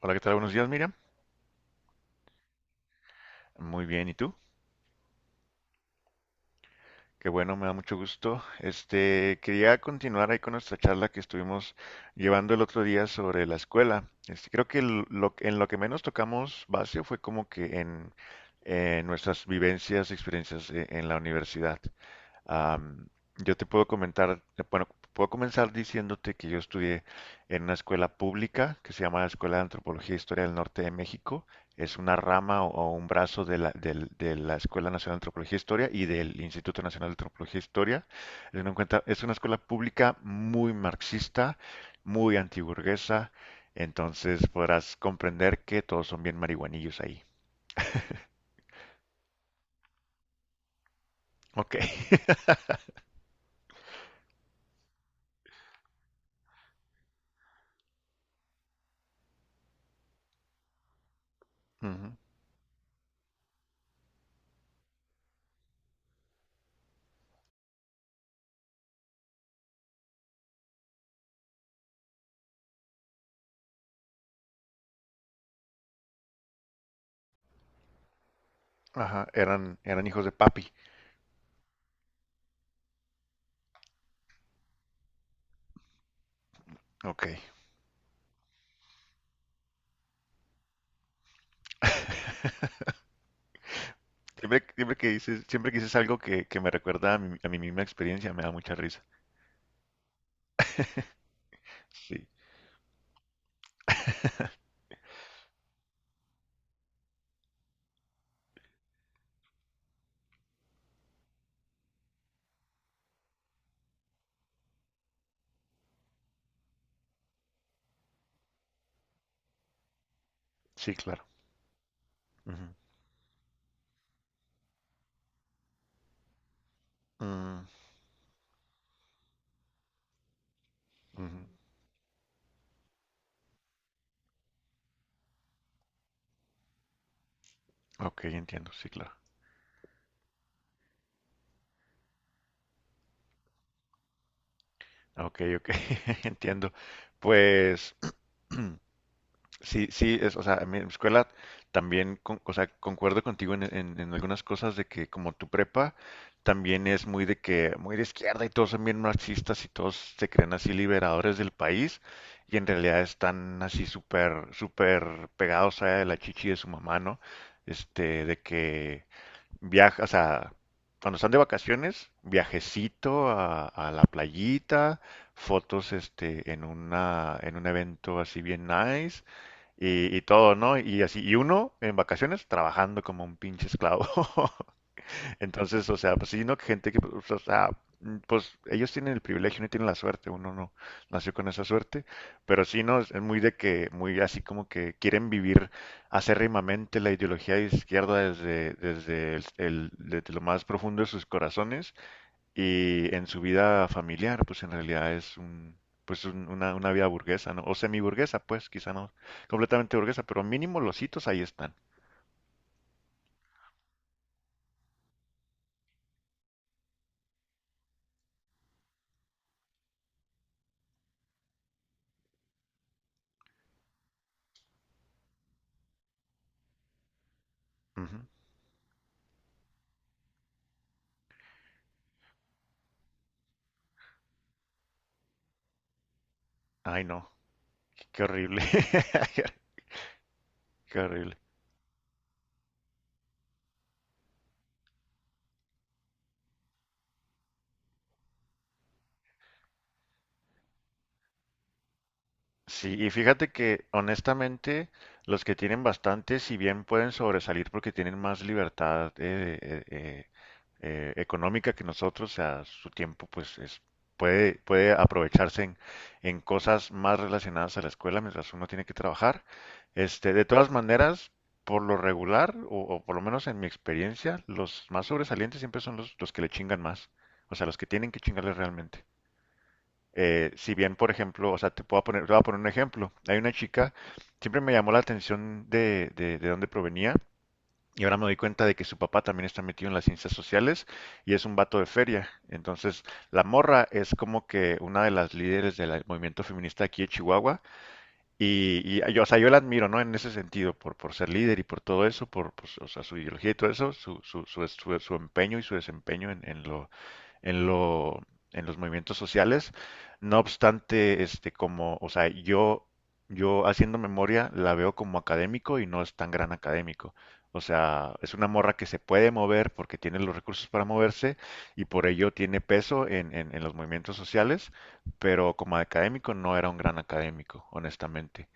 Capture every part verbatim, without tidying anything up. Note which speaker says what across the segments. Speaker 1: Hola, ¿qué tal? Buenos días, Miriam. Muy bien, ¿y tú? Qué bueno, me da mucho gusto. Este, quería continuar ahí con nuestra charla que estuvimos llevando el otro día sobre la escuela. Este, creo que el- lo, en lo que menos tocamos base fue como que en, en nuestras vivencias, experiencias e- en la universidad. Am, yo te puedo comentar, eh, bueno, puedo comenzar diciéndote que yo estudié en una escuela pública que se llama la Escuela de Antropología e Historia del Norte de México. Es una rama o, o un brazo de la, del- de la Escuela Nacional de Antropología e Historia y del Instituto Nacional de Antropología e Historia. Es una, cuenta- es una escuela pública muy marxista, muy antiburguesa, entonces podrás comprender que todos son bien marihuanillos ahí. Ok. Ujú. Ajá, eran, eran hijos de papi. Ok. Siempre, siempre que dices, siempre que dices algo que, que me recuerda a mi, a mi misma experiencia, me da mucha risa. Sí, sí, claro. Ujú. Mm, ujú. Ok, entiendo, sí, claro. Ok, ok, entiendo. Pues, sí, sí, es, o sea, en mi escuela también, con- o sea, concuerdo contigo en, en- en algunas cosas de que como tu prepa también es muy de que, muy de izquierda y todos son bien marxistas y todos se creen así liberadores del país y en realidad están así súper, súper pegados a la chichi de su mamá, ¿no? Este, de que viaja, o sea, cuando están de vacaciones, viajecito a, a la playita, fotos, este, en una, en un evento así bien nice y, y todo, ¿no? Y así, y uno en vacaciones trabajando como un pinche esclavo. Entonces, o sea, pues sí, ¿no? Gente que, pues, o sea, mm, pues ellos tienen el privilegio, no tienen la suerte, uno no nació con esa suerte, pero sí, ¿no? Es es muy de que, muy así como que quieren vivir acérrimamente la ideología de izquierda desde, desde, el- el- desde lo más profundo de sus corazones y en su vida familiar, pues en realidad es un, pues un- una, una vida burguesa, ¿no? O semiburguesa, pues, quizá no completamente burguesa, pero mínimo los hitos ahí están. Ujú. Ay, no, qué, qué horrible. Qué horrible. Sí, y fíjate que honestamente los que tienen bastante, si bien pueden sobresalir porque tienen más libertad eh, eh, eh, eh, económica que nosotros, a su tiempo pues es, puede, puede aprovecharse en, en cosas más relacionadas a la escuela mientras uno tiene que trabajar. Este, de todas maneras, por lo regular, o, o por lo menos en mi experiencia, los más sobresalientes siempre son los, los que le chingan más, o sea, los que tienen que chingarle realmente. Eh, si bien, por ejemplo, o sea, te puedo poner, te voy a poner un ejemplo. Hay una chica, siempre me llamó la atención de, de, de dónde provenía. Y ahora me doy cuenta de que su papá también está metido en las ciencias sociales y es un vato de feria. Entonces, la morra es como que una de las líderes del movimiento feminista aquí de Chihuahua y, y yo, o sea, yo la admiro, ¿no? En ese sentido, por, por ser líder y por todo eso, por, pues, o sea, su ideología y todo eso, su, su, su, su- su empeño y su desempeño en, en lo, en lo, en los movimientos sociales. No obstante, este, como, o sea, yo, yo haciendo memoria la veo como académico y no es tan gran académico. O sea, es una morra que se puede mover porque tiene los recursos para moverse y por ello tiene peso en, en en los movimientos sociales, pero como académico no era un gran académico, honestamente.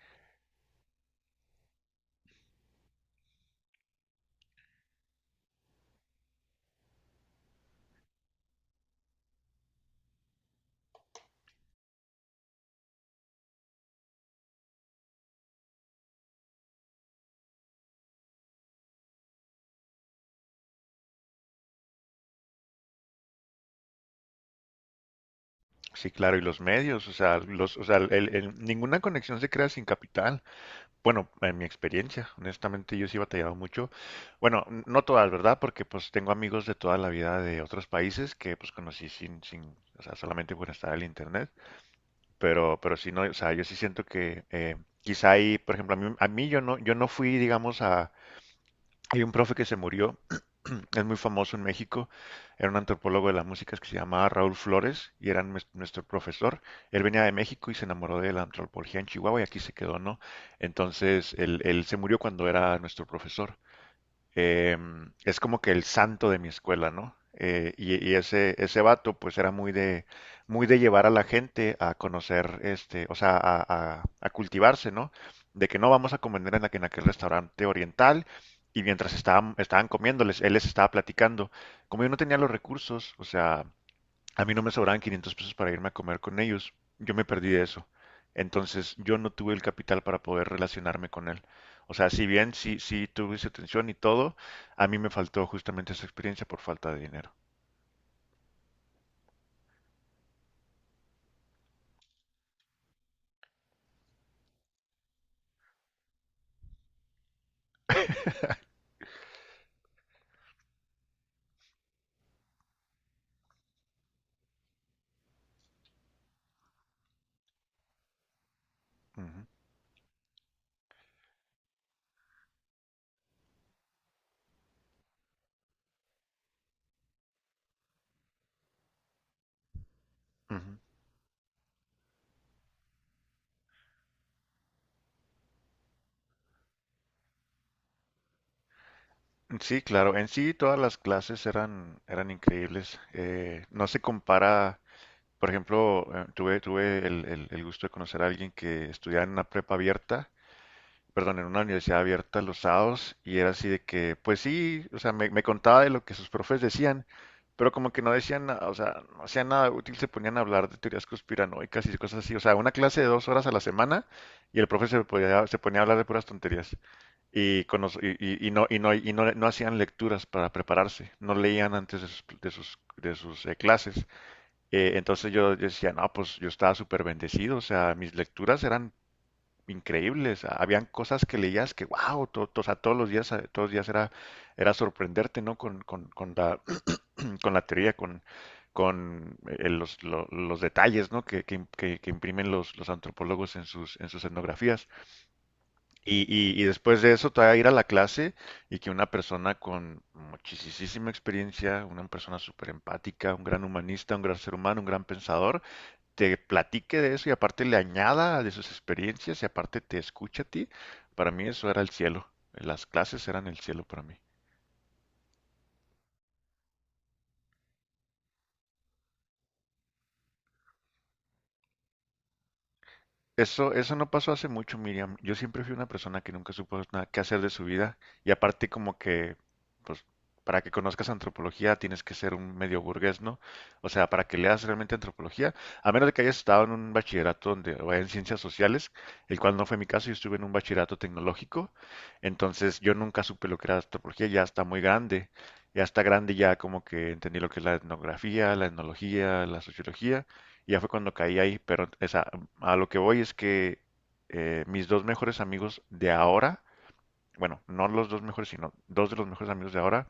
Speaker 1: Sí, claro, y los medios, o sea, los, o sea, el- el- ninguna conexión se crea sin capital. Bueno, en mi experiencia, honestamente, yo sí he batallado mucho. Bueno, n- no todas, ¿verdad? Porque pues tengo amigos de toda la vida de otros países que pues conocí sin, sin, o sea, solamente por estar en el internet. Pero, pero sí no, o sea, yo sí siento que eh, quizá ahí, por ejemplo, a mí, a mí yo no, yo no fui, digamos, a, hay un profe que se murió, es muy famoso en México, era un antropólogo de la música que se llamaba Raúl Flores y era nues- nuestro profesor. Él venía de México y se enamoró de la antropología en Chihuahua y aquí se quedó, ¿no? Entonces, él, él se murió cuando era nuestro profesor, em, es como que el santo de mi escuela, ¿no? Eh, y, y ese, ese vato, pues era muy de, muy de llevar a la gente a conocer, este, o sea, a, a- a cultivarse, ¿no? De que no vamos a comer en, la- en aquel restaurante oriental. Y mientras estaban, estaban comiéndoles, él les estaba platicando. Como yo no tenía los recursos, o sea, a mí no me sobraban quinientos pesos para irme a comer con ellos. Yo me perdí de eso. Entonces, yo no tuve el capital para poder relacionarme con él. O sea, si bien sí, sí tuve su atención y todo, a mí me faltó justamente esa experiencia por falta de dinero. Ujú, ujú. Sí, claro. En sí, todas las clases eran, eran increíbles. Eh, no se compara, por ejemplo, eh, tuve, tuve el, el- el gusto de conocer a alguien que estudiaba en una prepa abierta, perdón, en una universidad abierta los sábados y era así de que, pues sí, o sea, me, me contaba de lo que sus profes decían, pero como que no decían nada, o sea, no hacían nada útil, se ponían a hablar de teorías conspiranoicas y cosas así, o sea, una clase de dos horas a la semana y el profe se, podía- se ponía a hablar de puras tonterías y, con los- y, y- y no, y, no, y no, no hacían lecturas para prepararse, no leían antes de sus, de sus, de sus eh, clases. Eh, entonces yo, yo decía, no, pues yo estaba súper bendecido, o sea, mis lecturas eran increíbles. a- Habían cosas que leías que, wow, todos los días, eh, todos los días era, era sorprenderte, ¿no? Con, con, con la, con la teoría, con, con eh, los, lo- los detalles, ¿no? Que, que, im- que- que imprimen los, los antropólogos en sus, en sus etnografías. Y, y, y después de eso, todavía ir a la clase y que una persona con muchísima experiencia, una persona súper empática, un gran humanista, un gran ser humano, un gran pensador, te platique de eso y aparte le añada de sus experiencias y aparte te escucha a ti, para mí eso era el cielo. Las clases eran el cielo para mí. Eso, eso no pasó hace mucho, Miriam. Yo siempre fui una persona que nunca supo nada qué hacer de su vida. Y aparte como que, pues, para que conozcas antropología tienes que ser un medio burgués, ¿no? O sea, para que leas realmente antropología, a menos de que hayas estado en un bachillerato donde, o en ciencias sociales, el cual no fue mi caso, yo estuve en un bachillerato tecnológico. Entonces yo nunca supe lo que era antropología, ya está muy grande. Ya está grande, ya como que entendí lo que es la etnografía, la etnología, la sociología y ya fue cuando caí ahí, pero esa, a lo que voy es que eh, mis dos mejores amigos de ahora, bueno, no los dos mejores, sino dos de los mejores amigos de ahora,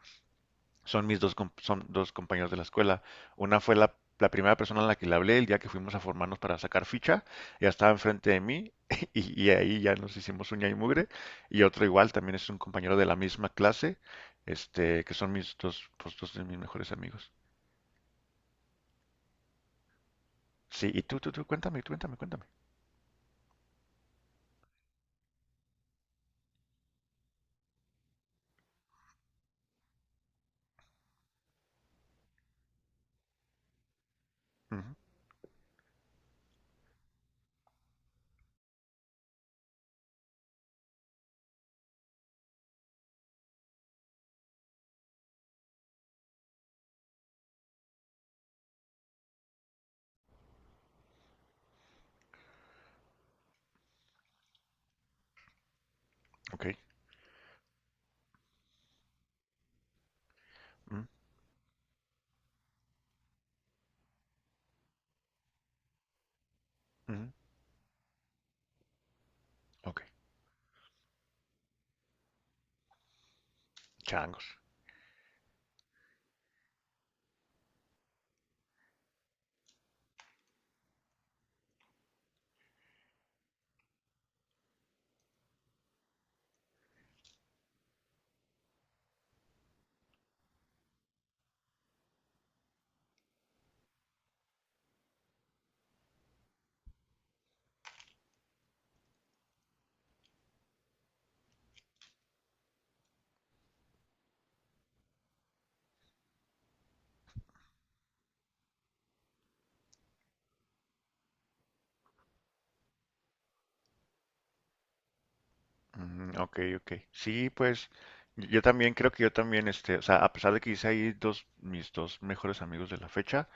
Speaker 1: son mis dos, com- son dos compañeros de la escuela. Una fue la, la primera persona a la que le hablé el día que fuimos a formarnos para sacar ficha, ya estaba enfrente de mí y, y ahí ya nos hicimos uña y mugre. Y otro igual, también es un compañero de la misma clase, este, que son mis dos, pues, dos de mis mejores amigos. Sí, y tú, tú, tú, cuéntame, cuéntame, cuéntame. Ujú, ok, mm, ujú, ok, changos. Mm, ok, ok. Sí, pues yo también creo que yo también, este, o sea, a pesar de que hice ahí dos, mis dos mejores amigos de la fecha,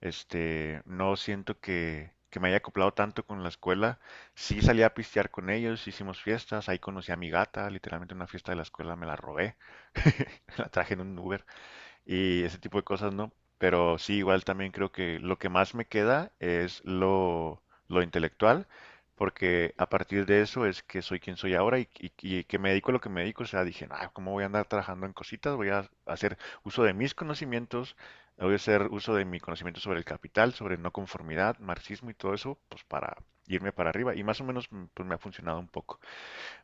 Speaker 1: este, no siento que, que me haya acoplado tanto con la escuela. Sí salí a pistear con ellos, hicimos fiestas, ahí conocí a mi gata, literalmente en una fiesta de la escuela me la robé, la traje en un Uber y ese tipo de cosas, ¿no? Pero sí, igual también creo que lo que más me queda es lo, lo intelectual, porque a partir de eso es que soy quien soy ahora y, y- y que me dedico a lo que me dedico. O sea, dije, ah, ¿cómo voy a andar trabajando en cositas? Voy a hacer uso de mis conocimientos, voy a hacer uso de mi conocimiento sobre el capital, sobre no conformidad, marxismo y todo eso, pues para irme para arriba. Y más o menos mm, pues me ha funcionado un poco.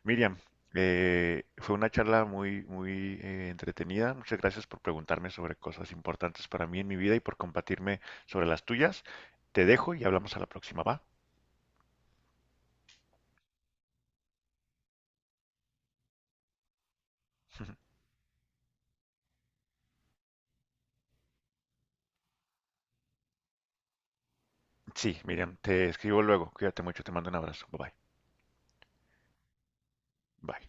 Speaker 1: Miriam, eh, fue una charla muy, muy eh, entretenida. Muchas gracias por preguntarme sobre cosas importantes para mí en mi vida y por compartirme sobre las tuyas. Te dejo y hablamos a la próxima, ¿va? Sí, Miriam, te escribo luego. Cuídate mucho, te mando un abrazo. Bye bye. Bye.